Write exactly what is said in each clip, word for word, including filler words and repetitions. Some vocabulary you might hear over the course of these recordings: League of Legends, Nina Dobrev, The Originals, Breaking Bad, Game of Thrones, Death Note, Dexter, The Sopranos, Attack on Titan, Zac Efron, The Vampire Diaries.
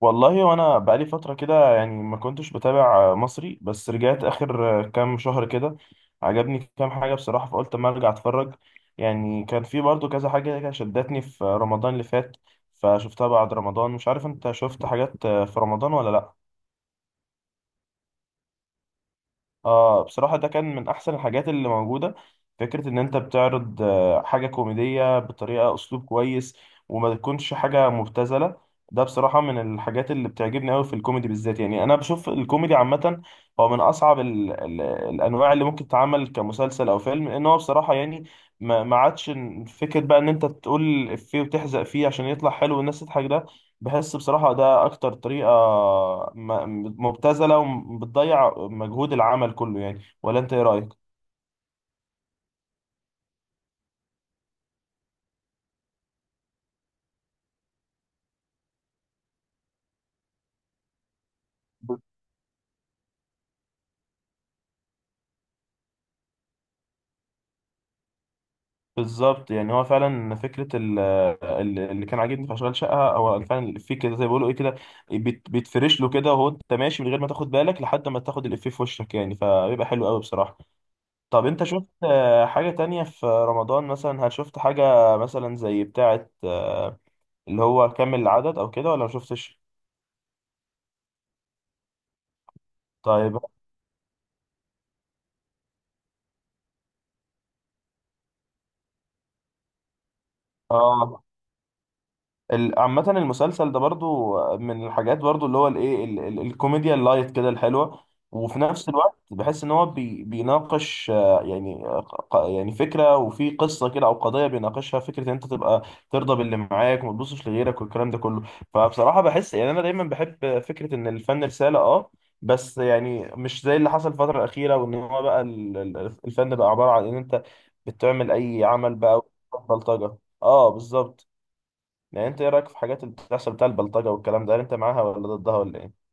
والله وانا بقالي فتره كده يعني ما كنتش بتابع مصري، بس رجعت اخر كام شهر كده عجبني كام حاجه بصراحه، فقلت ما ارجع اتفرج. يعني كان في برضو كذا حاجه كده شدتني في رمضان اللي فات، فشفتها بعد رمضان. مش عارف انت شفت حاجات في رمضان ولا لا؟ اه بصراحة ده كان من أحسن الحاجات اللي موجودة. فكرة إن أنت بتعرض آه، حاجة كوميدية بطريقة أسلوب كويس وما تكونش حاجة مبتذلة، ده بصراحة من الحاجات اللي بتعجبني أوي في الكوميدي بالذات. يعني أنا بشوف الكوميدي عامة هو من أصعب ال ال الأنواع اللي ممكن تتعمل كمسلسل أو فيلم، لأن هو بصراحة يعني ما ما عادش إن- فكرة بقى إن أنت تقول إفيه وتحزق فيه عشان يطلع حلو والناس تضحك، ده بحس بصراحة ده أكتر طريقة م- مبتذلة وبتضيع مجهود العمل كله. يعني ولا أنت إيه رأيك؟ ب- بالظبط، يعني هو فعلا فكرة ال- ال- اللي كان عاجبني في أشغال شقة هو فعلا في كده زي ما بيقولوا إيه كده بيت- بيتفرش له كده، وهو أنت ماشي من غير ما تاخد بالك لحد ما تاخد الإفيه في وشك، يعني فبيبقى حلو قوي بصراحة. طب أنت شفت آه، حاجة تانية في رمضان مثلا؟ هل شفت حاجة مثلا زي بتاعة آه، اللي هو كامل العدد أو كده ولا ما شفتش؟ طيب. اه ال- عامة المسلسل ده برضو من الحاجات برضو اللي هو الايه ال- ال- الكوميديا اللايت كده الحلوة. وفي نفس الوقت بحس ان هو بي بيناقش آه، يعني آه، ق- يعني فكرة وفي قصة كده او قضية بيناقشها، فكرة ان انت تبقى ترضى باللي معاك وما تبصش لغيرك والكلام ده كله. فبصراحة بحس يعني انا دايما بحب فكرة ان الفن رسالة، اه بس يعني مش زي اللي حصل الفترة الأخيرة، وإن هو بقى ال- ال- الفن بقى عبارة عن إن أنت بتعمل أي عمل بقى. بلطجة. اه بالظبط. يعني انت ايه رايك في حاجات اللي بتحصل بتاع البلطجه والكلام ده؟ هل انت معاها ولا ضدها ولا ايه؟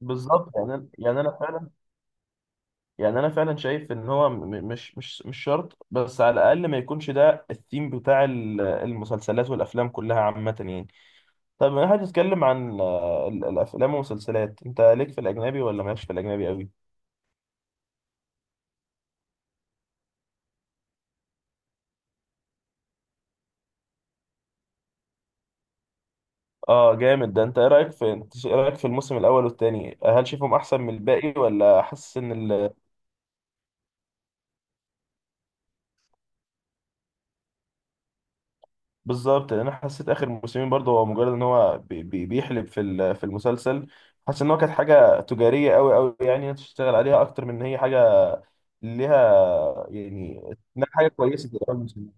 بالظبط، يعني أنا- يعني انا فعلا، يعني انا فعلا شايف ان هو م- م- مش مش مش شرط، بس على الاقل ما يكونش ده الثيم بتاع ال- المسلسلات والافلام كلها عامه يعني. طب انا هتتكلم عن آه، ال- الافلام والمسلسلات، انت ليك في الاجنبي ولا مالكش في الاجنبي قوي؟ اه جامد ده. انت ايه رايك في، انت ايه رايك في الموسم الاول والثاني؟ هل شايفهم احسن من الباقي ولا حاسس ان؟ بالظبط، لان انا حسيت اخر موسمين برضه هو مجرد ان هو بي- بي- بيحلب في ال- في المسلسل. حاسس ان هو كانت حاجه تجاريه قوي قوي، يعني إنها تشتغل عليها اكتر من ان هي حاجه ليها يعني إنها حاجه كويسه تبقى في المسلسل.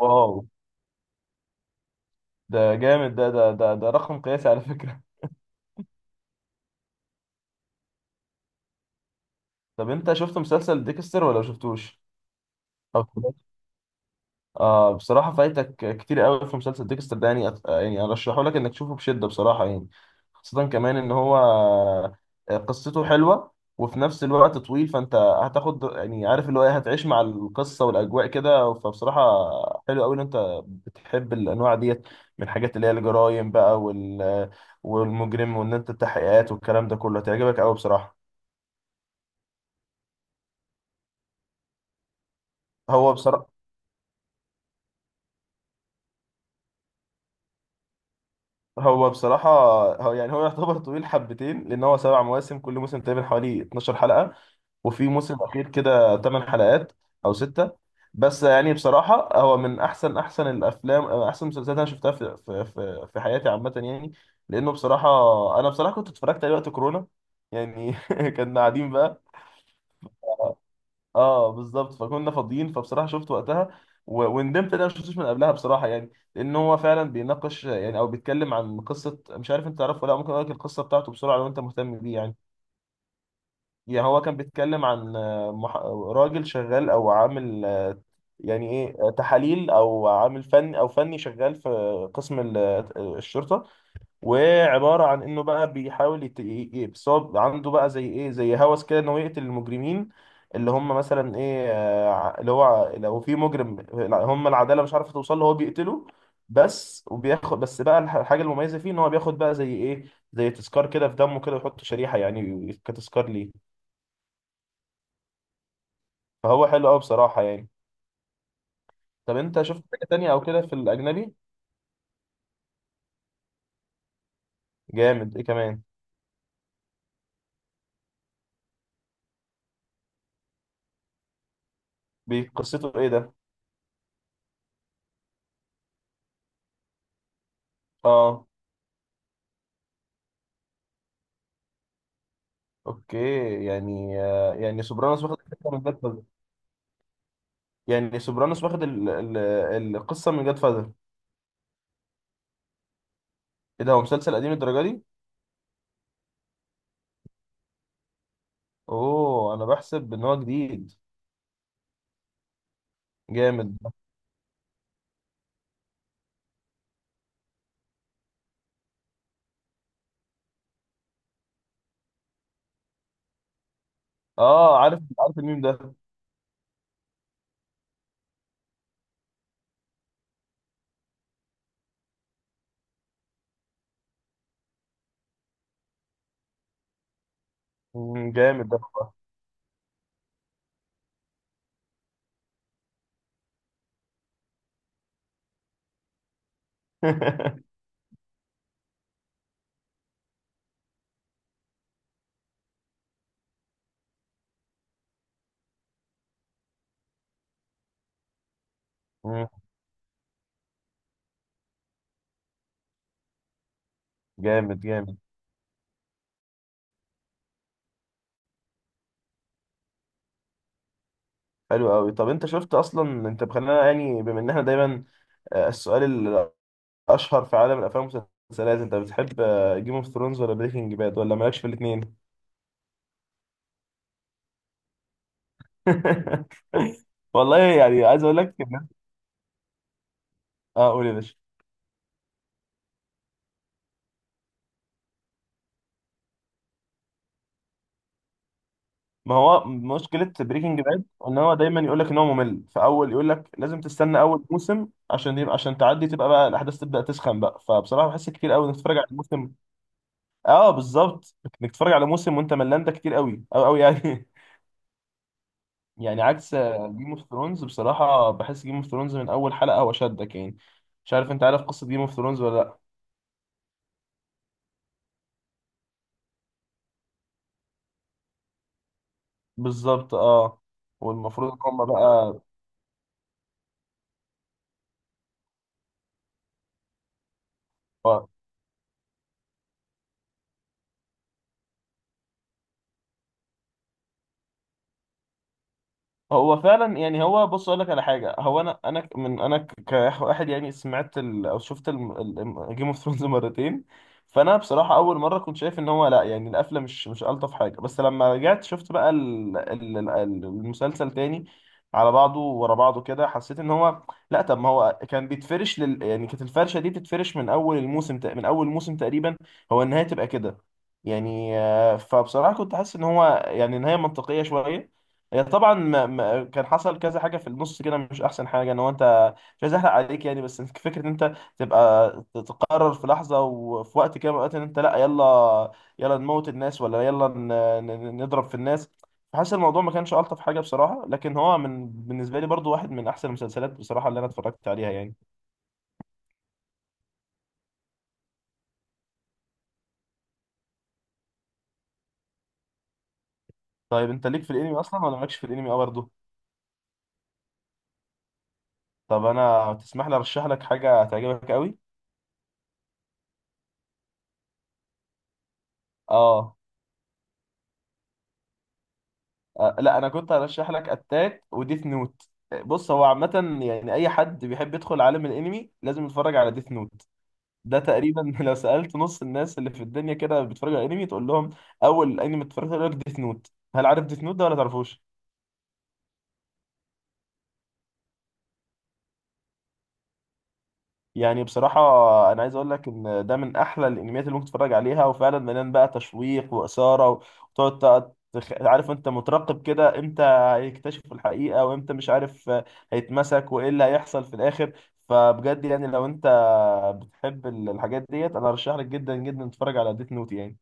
واو، ده جامد. ده ده ده ده رقم قياسي على فكره. طب انت شفت مسلسل ديكستر ولا ما شفتوش؟ آه بصراحة فايتك كتير قوي في مسلسل ديكستر ده، يعني أت- يعني أرشحه لك إنك تشوفه بشدة بصراحة يعني، خاصة كمان إن هو آه، قصته حلوة وفي نفس الوقت طويل، فأنت هتاخد يعني عارف اللي هو إيه، هتعيش مع القصة والأجواء كده، فبصراحة حلو قوي إن أنت بتحب الأنواع ديت من الحاجات اللي هي الجرايم بقى وال والمجرم، وإن أنت التحقيقات والكلام ده كله هتعجبك قوي بصراحة. هو بصراحة هو بصراحة هو يعني هو يعتبر طويل حبتين، لأن هو سبع مواسم، كل موسم تقريبا حوالي اتناشر حلقة، وفي موسم أخير كده ثمانية حلقات أو ستة. بس يعني بصراحة هو من أحسن أحسن الأفلام، أحسن المسلسلات أنا شفتها في في في في حياتي عامة يعني، لأنه بصراحة، أنا بصراحة كنت اتفرجت عليه وقت كورونا. يعني كنا قاعدين بقى. اه بالظبط، فكنا فاضيين، فبصراحه شفت وقتها و... وندمت ان انا ما شفتوش من قبلها بصراحه، يعني لان هو فعلا بيناقش يعني او بيتكلم عن قصه. مش عارف انت تعرفه ولا لأ، ممكن اقول لك القصه بتاعته بسرعه لو انت مهتم بيه يعني. يعني هو كان بيتكلم عن آه، مح... راجل شغال او عامل آه، يعني ايه آه، تحاليل، او عامل فني، او فني شغال في قسم ال- آه، الشرطه، وعبارة عن انه بقى بيحاول يت... ي- ي- بس هو عنده بقى زي ايه، زي هوس كده انه يقتل المجرمين اللي هم مثلا ايه آه، ع- اللي هو لو في مجرم هم العدالة مش عارفة توصل له، هو بيقتله بس. وبياخد بس بقى الح- الحاجة المميزة فيه ان هو بياخد بقى زي ايه، زي تذكار كده، في دمه كده، ويحط شريحة يعني كتذكار ليه. فهو حلو قوي بصراحة يعني. طب انت شفت حاجة تانية او كده في الأجنبي؟ جامد، ايه كمان؟ بي- قصته ايه ده؟ اه. اوكي. يعني آه، يعني سوبرانوس واخد حتة من ده. يعني سوبرانوس واخد ال... ال... القصه من جاد فاذر. ايه ده، هو مسلسل قديم الدرجه دي؟ اوه انا بحسب ان هو جديد. جامد. اه عارف عارف الميم ده. مم، جامد ده والله. مم، جامد جامد. حلو قوي. طب انت شفت اصلا، انت بخلينا يعني بما ان احنا دايما آه، السؤال الاشهر في عالم الافلام والمسلسلات، انت بتحب جيم اوف ثرونز ولا بريكنج باد ولا مالكش في الاثنين؟ والله يعني عايز اقول لك إن- اه قول يا باشا. ما هو مشكلة بريكنج باد ان هو دايما يقول لك ان هو ممل في اول، يقول لك لازم تستنى اول موسم عشان يبقى، عشان تعدي تبقى بقى الاحداث تبدأ تسخن بقى، فبصراحة بحس كتير قوي انك تتفرج على موسم. اه بالظبط، انك تتفرج على موسم وانت ملان ده كتير قوي قوي قوي يعني. يعني عكس جيم اوف ثرونز. بصراحة بحس جيم اوف ثرونز من اول حلقة هو شدك يعني. مش عارف انت عارف قصة جيم اوف ثرونز ولا لا؟ بالظبط اه. والمفروض ان هم بقى آه. هو فعلا يعني هو، بص اقول لك على حاجه، هو انا انا ك- من انا ك- كواحد يعني سمعت ال او شفت جيم اوف ثرونز مرتين، فانا بصراحه اول مره كنت شايف ان هو لا، يعني القفله مش مش الطف حاجه، بس لما رجعت شفت بقى ال ال ال المسلسل تاني على بعضه ورا بعضه كده، حسيت ان هو لا، طب ما هو كان بيتفرش لل يعني، كانت الفرشه دي بتتفرش من اول الموسم تق- من اول موسم تقريبا هو النهايه تبقى كده. يعني آه، فبصراحه كنت حاسس ان هو يعني نهايه منطقيه شويه. هي طبعا ما ما كان حصل كذا حاجه في النص كده مش احسن حاجه، ان هو انت مش عايز احرق عليك يعني، بس فكره ان انت تبقى تقرر في لحظه وفي وقت كده من الأوقات ان انت لا، يلا يلا نموت الناس، ولا يلا ن- ن- نضرب في الناس. فحاسس الموضوع ما كانش الطف حاجه بصراحه، لكن هو من بالنسبه لي برضو واحد من احسن المسلسلات بصراحه اللي انا اتفرجت عليها يعني. طيب انت ليك في الانمي اصلا ولا مالكش في الانمي؟ اه برضه. طب انا تسمح لي ارشح لك حاجه هتعجبك قوي؟ اه. آه، لا انا كنت هرشح لك اتاك وديث نوت. بص هو عامة يعني اي حد بيحب يدخل عالم الانمي لازم يتفرج على ديث نوت. ده تقريبا لو سألت نص الناس اللي في الدنيا كده بيتفرجوا على انمي تقول لهم اول انمي اتفرجت عليه، يقول لك ديث نوت. هل عارف ديث نوت ده ولا تعرفوش؟ يعني بصراحة أنا عايز أقول لك إن ده من أحلى الأنميات اللي ممكن تتفرج عليها، وفعلا مليان بقى تشويق وإثارة، وتقعد تق- تخ... عارف أنت مترقب كده، إمتى هيكتشف الحقيقة وإمتى مش عارف هيتمسك، وإيه اللي هيحصل في الآخر. فبجد يعني لو أنت بتحب ال- الحاجات ديت أنا أرشح لك جدا جدا تتفرج على ديت نوت يعني.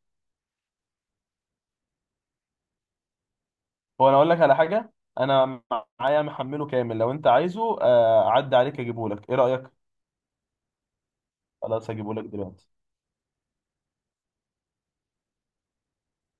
هو أنا أقول لك على حاجة، أنا معايا محمله كامل لو أنت عايزه، آه، أعدي عليك أجيبه لك، إيه رأيك؟ خلاص هجيبه لك دلوقتي.